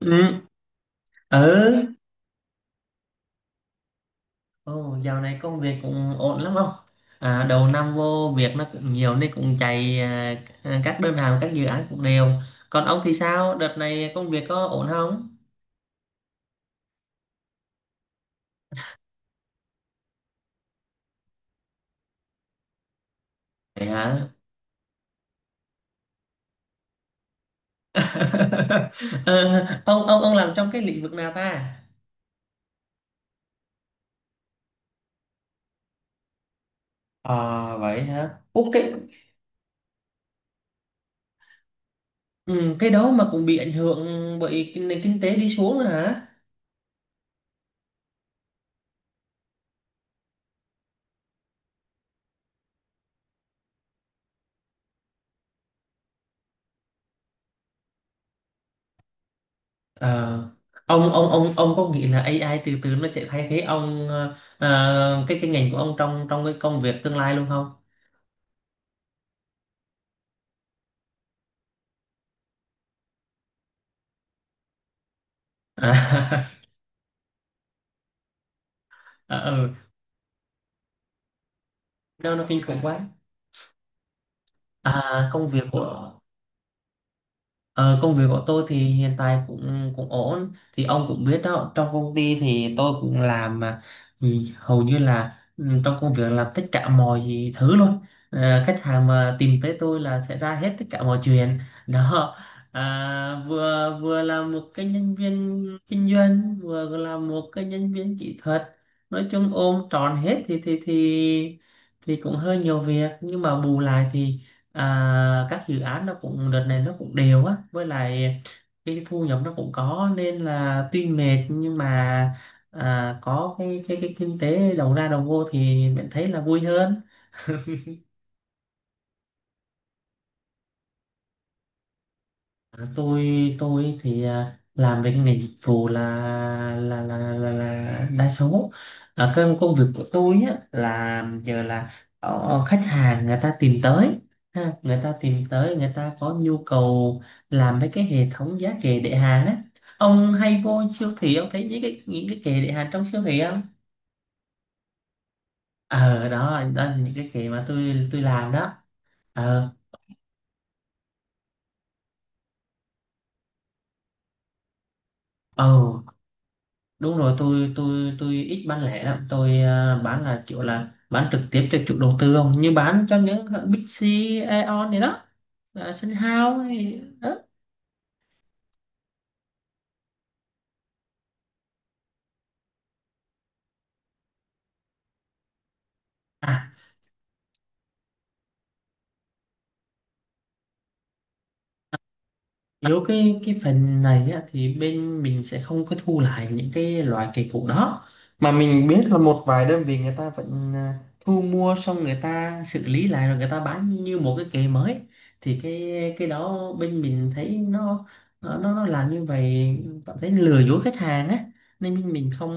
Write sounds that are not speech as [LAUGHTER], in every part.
Ừ, ừ. Ồ, dạo này công việc cũng ổn lắm không? À, đầu năm vô việc nó cũng nhiều nên cũng chạy các đơn hàng, các dự án cũng đều. Còn ông thì sao? Đợt này công việc có ổn không? Vậy hả? [LAUGHS] Ờ, ông làm trong cái lĩnh vực nào ta? À vậy hả? Ủa, cái ừ, cái đó mà cũng bị ảnh hưởng bởi cái nền kinh tế đi xuống nữa hả? Ờ, ông có nghĩ là AI từ từ nó sẽ thay thế ông cái ngành của ông trong trong cái công việc tương lai luôn không? [LAUGHS] À, ờ, ừ, nó kinh khủng quá. À, công việc của Ờ, công việc của tôi thì hiện tại cũng cũng ổn thì ông cũng biết đó, trong công ty thì tôi cũng làm mà, ừ, hầu như là, trong công việc làm tất cả mọi thứ luôn. Ờ, khách hàng mà tìm tới tôi là sẽ ra hết tất cả mọi chuyện đó, vừa vừa là một cái nhân viên kinh doanh vừa là một cái nhân viên kỹ thuật. Nói chung ôm trọn hết thì thì cũng hơi nhiều việc nhưng mà bù lại thì các dự án nó cũng đợt này nó cũng đều á, với lại cái thu nhập nó cũng có nên là tuy mệt nhưng mà có cái cái kinh tế đầu ra đầu vô thì mình thấy là vui hơn. À, tôi tôi thì làm về cái ngành dịch vụ là là đa số. Cái công việc của tôi á là giờ là khách hàng người ta tìm tới, ha, người ta tìm tới, người ta có nhu cầu làm mấy cái hệ thống giá kệ để hàng á. Ông hay vô siêu thị, ông thấy những cái, những cái kệ để hàng trong siêu thị không? Ờ đó, đó là những cái kệ mà tôi làm đó. Ờ ờ Đúng rồi, tôi ít bán lẻ lắm, tôi bán là kiểu là bán trực tiếp cho chủ đầu tư không, như bán cho những hãng Big C, Aeon này đó, Sun House hay đó. À, Yếu cái phần này á, thì bên mình sẽ không có thu lại những cái loại cây cũ đó, mà mình biết là một vài đơn vị người ta vẫn thu mua xong người ta xử lý lại rồi người ta bán như một cái cây mới. Thì cái đó bên mình thấy nó làm như vậy cảm thấy lừa dối khách hàng á, nên bên mình không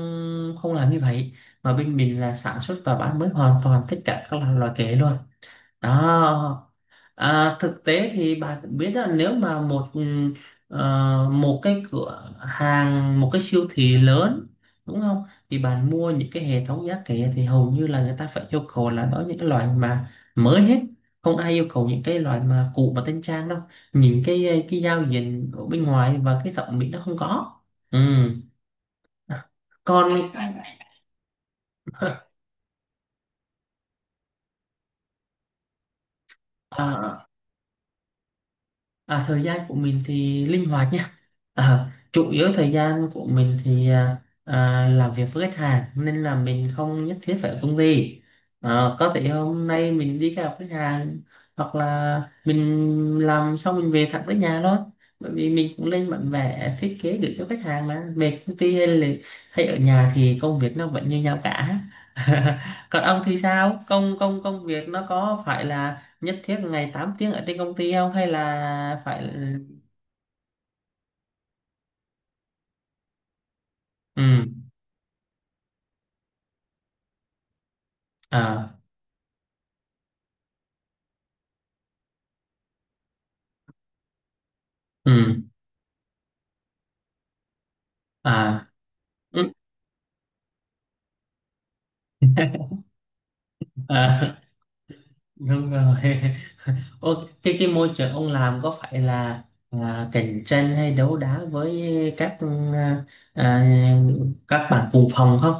không làm như vậy, mà bên mình là sản xuất và bán mới hoàn toàn tất cả các loại loại cây luôn đó. Thực tế thì bà cũng biết là nếu mà một một cái cửa hàng, một cái siêu thị lớn, đúng không, thì bạn mua những cái hệ thống giá kệ thì hầu như là người ta phải yêu cầu là đó những cái loại mà mới hết, không ai yêu cầu những cái loại mà cũ và tân trang đâu. Nhìn cái cái giao diện ở bên ngoài và cái thẩm mỹ nó không có. Ừ. Còn [LAUGHS] à, thời gian của mình thì linh hoạt nha. Ờ, chủ yếu thời gian của mình thì làm việc với khách hàng nên là mình không nhất thiết phải ở công ty. Ờ, có thể hôm nay mình đi gặp khách hàng, hoặc là mình làm xong mình về thẳng tới nhà thôi. Bởi vì mình cũng lên bản vẽ thiết kế gửi cho khách hàng mà, về công ty hay là ở nhà thì công việc nó vẫn như nhau cả. [LAUGHS] Còn ông thì sao? Công công công việc nó có phải là nhất thiết ngày 8 tiếng ở trên công ty không, hay là phải ừ à ừ à ừ. [LAUGHS] à đúng rồi. [LAUGHS] Ô, thế cái môi trường ông làm có phải là cạnh tranh hay đấu đá với các à, à, các bạn cùng phòng không,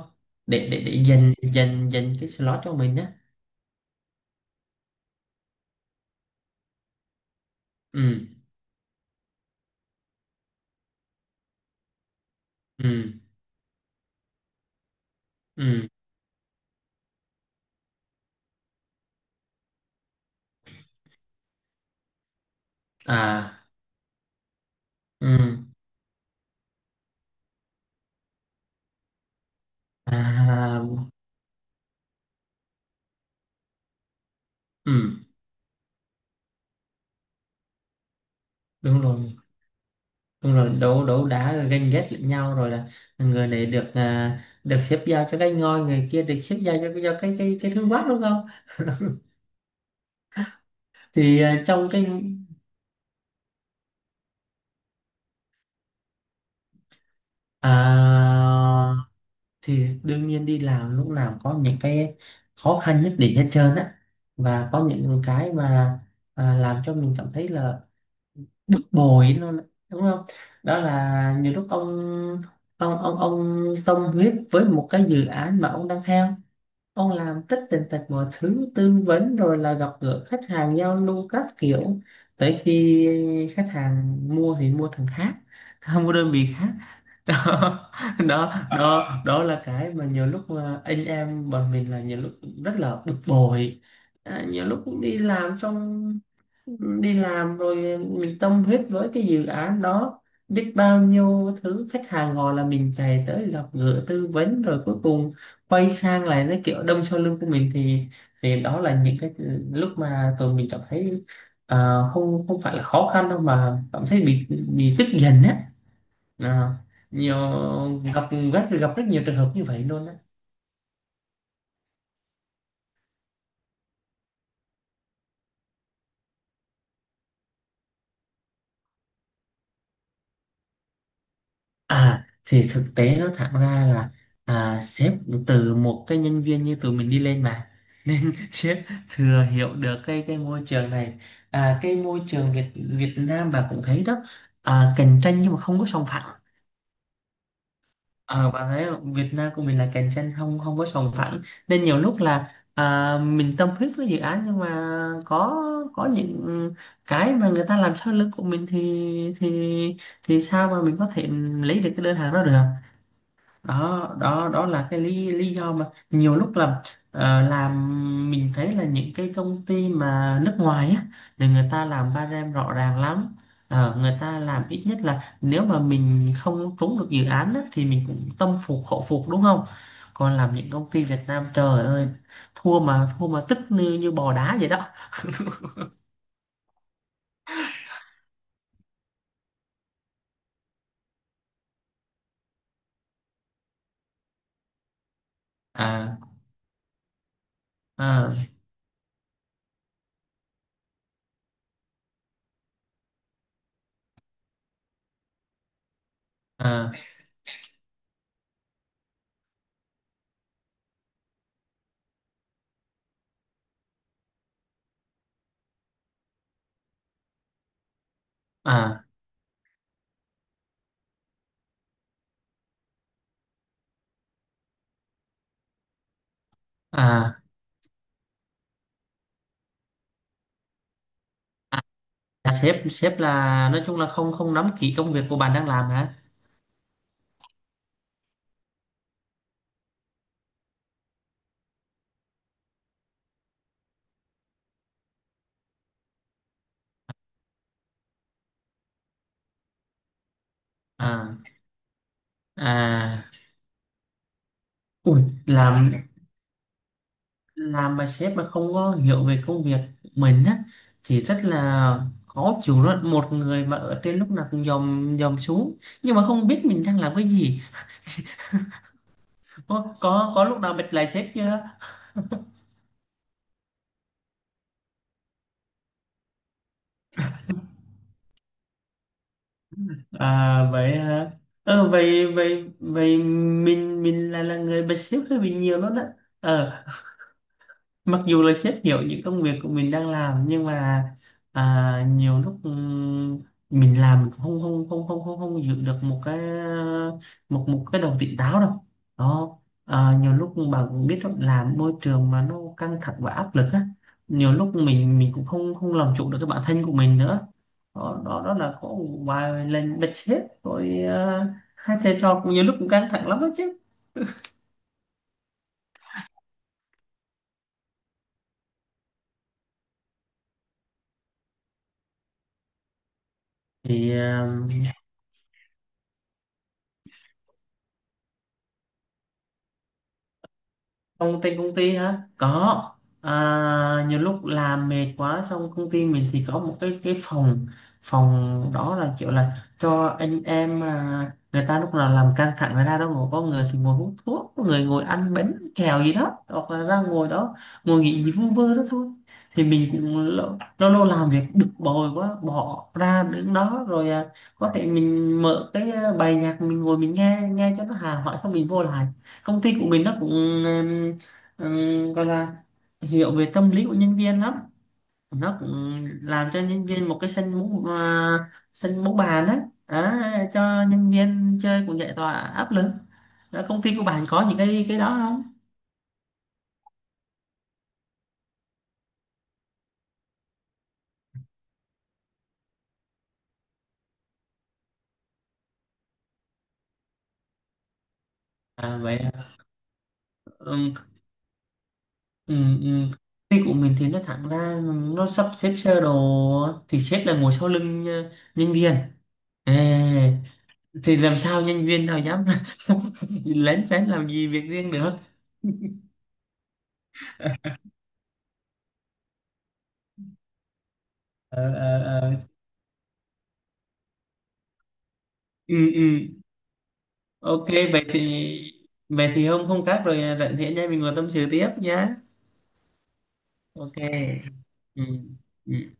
để dành dành dành cái slot cho mình á? Ừ ừ ừ à ừ à ừ đúng rồi Đúng rồi, đấu đấu đá rồi ganh ghét lẫn nhau rồi là người này được được xếp giao cho cái ngôi, người kia được xếp giao cho, cái thương mát đúng không? [LAUGHS] thì à, trong cái à, thì đương nhiên đi làm lúc nào có những cái khó khăn nhất định hết trơn á, và có những cái mà làm cho mình cảm thấy là bực bội luôn á, đúng không? Đó là nhiều lúc ông, ông tâm huyết với một cái dự án mà ông đang theo, ông làm tất tần tật mọi thứ tư vấn rồi là gặp gỡ khách hàng giao lưu các kiểu, tới khi khách hàng mua thì mua thằng khác [LAUGHS] mua đơn vị khác. [LAUGHS] Đó, Ờ, đó đó là cái mà nhiều lúc mà anh em bọn mình là nhiều lúc rất là bực bội. Nhiều lúc cũng đi làm xong, đi làm rồi mình tâm huyết với cái dự án đó, biết bao nhiêu thứ, khách hàng gọi là mình chạy tới gặp gỡ tư vấn rồi cuối cùng quay sang lại nó kiểu đâm sau lưng của mình thì đó là những cái lúc mà tụi mình cảm thấy à, không không phải là khó khăn đâu mà cảm thấy bị tức giận á. Ờ, nhiều, gặp rất, gặp rất nhiều trường hợp như vậy luôn á. À thì thực tế nó thẳng ra là sếp từ một cái nhân viên như tụi mình đi lên mà, nên [LAUGHS] sếp thừa hiểu được cái môi trường này. Cái môi trường Việt Việt Nam bà cũng thấy đó, cạnh tranh nhưng mà không có sòng phẳng. Ờ, bạn thấy không, Việt Nam của mình là cạnh tranh không không có sòng phẳng, nên nhiều lúc là mình tâm huyết với dự án nhưng mà có có những cái mà người ta làm sau lưng của mình thì thì sao mà mình có thể lấy được cái đơn hàng đó được. Đó đó, đó là cái lý lý do mà nhiều lúc là làm mình thấy là những cái công ty mà nước ngoài á thì người ta làm ba rem rõ ràng lắm. Ờ, người ta làm ít nhất là nếu mà mình không trúng được dự án á, thì mình cũng tâm phục khẩu phục, đúng không? Còn làm những công ty Việt Nam trời ơi, thua mà, thua mà tức như, như bò đá vậy đó. à à à à à À, sếp sếp là nói chung là không không nắm kỹ công việc của bạn đang làm hả? à à Ui, làm mà sếp mà không có hiểu về công việc mình á thì rất là khó chịu đó, một người mà ở trên lúc nào cũng dòm dòm xuống nhưng mà không biết mình đang làm cái gì. Có có lúc nào bật lại sếp chưa? À vậy hả, ờ vậy vậy vậy mình, là người bật sếp hơi bị nhiều luôn đó. Ờ, mặc dù là sếp hiểu những công việc của mình đang làm nhưng mà nhiều lúc mình làm không không không không không không giữ được một cái, một một cái đầu tỉnh táo đâu. Đó, nhiều lúc bạn cũng biết đó, làm môi trường mà nó căng thẳng và áp lực á, nhiều lúc mình cũng không không làm chủ được cái bản thân của mình nữa. Đó đó, đó là có một vài lần bật sếp rồi. Hai thầy trò cũng nhiều lúc cũng căng thẳng lắm đó chứ. thì à, công ty hả? Có. À, nhiều lúc làm mệt quá, xong công ty mình thì có một cái phòng, phòng đó là kiểu là cho anh em, người ta lúc nào làm căng thẳng người ta đó ngồi, có người thì ngồi hút thuốc, có người ngồi ăn bánh kẹo gì đó, hoặc là ra ngồi đó ngồi nghỉ gì vu vơ đó thôi. Thì mình cũng lâu lâu, lâu làm việc bực bội quá bỏ ra đứng đó rồi, có thể mình mở cái bài nhạc mình ngồi mình nghe nghe cho nó hà hỏi xong mình vô lại. Công ty của mình nó cũng ừm, gọi là hiểu về tâm lý của nhân viên lắm, nó cũng làm cho nhân viên một cái sân bóng, sân bóng bàn á. Đó, cho nhân viên chơi cũng giải tỏa áp lực. Đó, công ty của bạn có những cái đó không? À vậy hả? Ừm, Công ty của mình thì nó thẳng ra, nó sắp xếp sơ đồ thì sếp là ngồi sau lưng nhân viên. Ê, thì làm sao nhân viên nào dám [LAUGHS] lén phén làm gì việc riêng được. ờ ờ ờ. Ừ ừ ok. Vậy thì, vậy thì hôm, khác rồi rảnh thì nha mình ngồi tâm sự tiếp nhá. Ok ừ ừ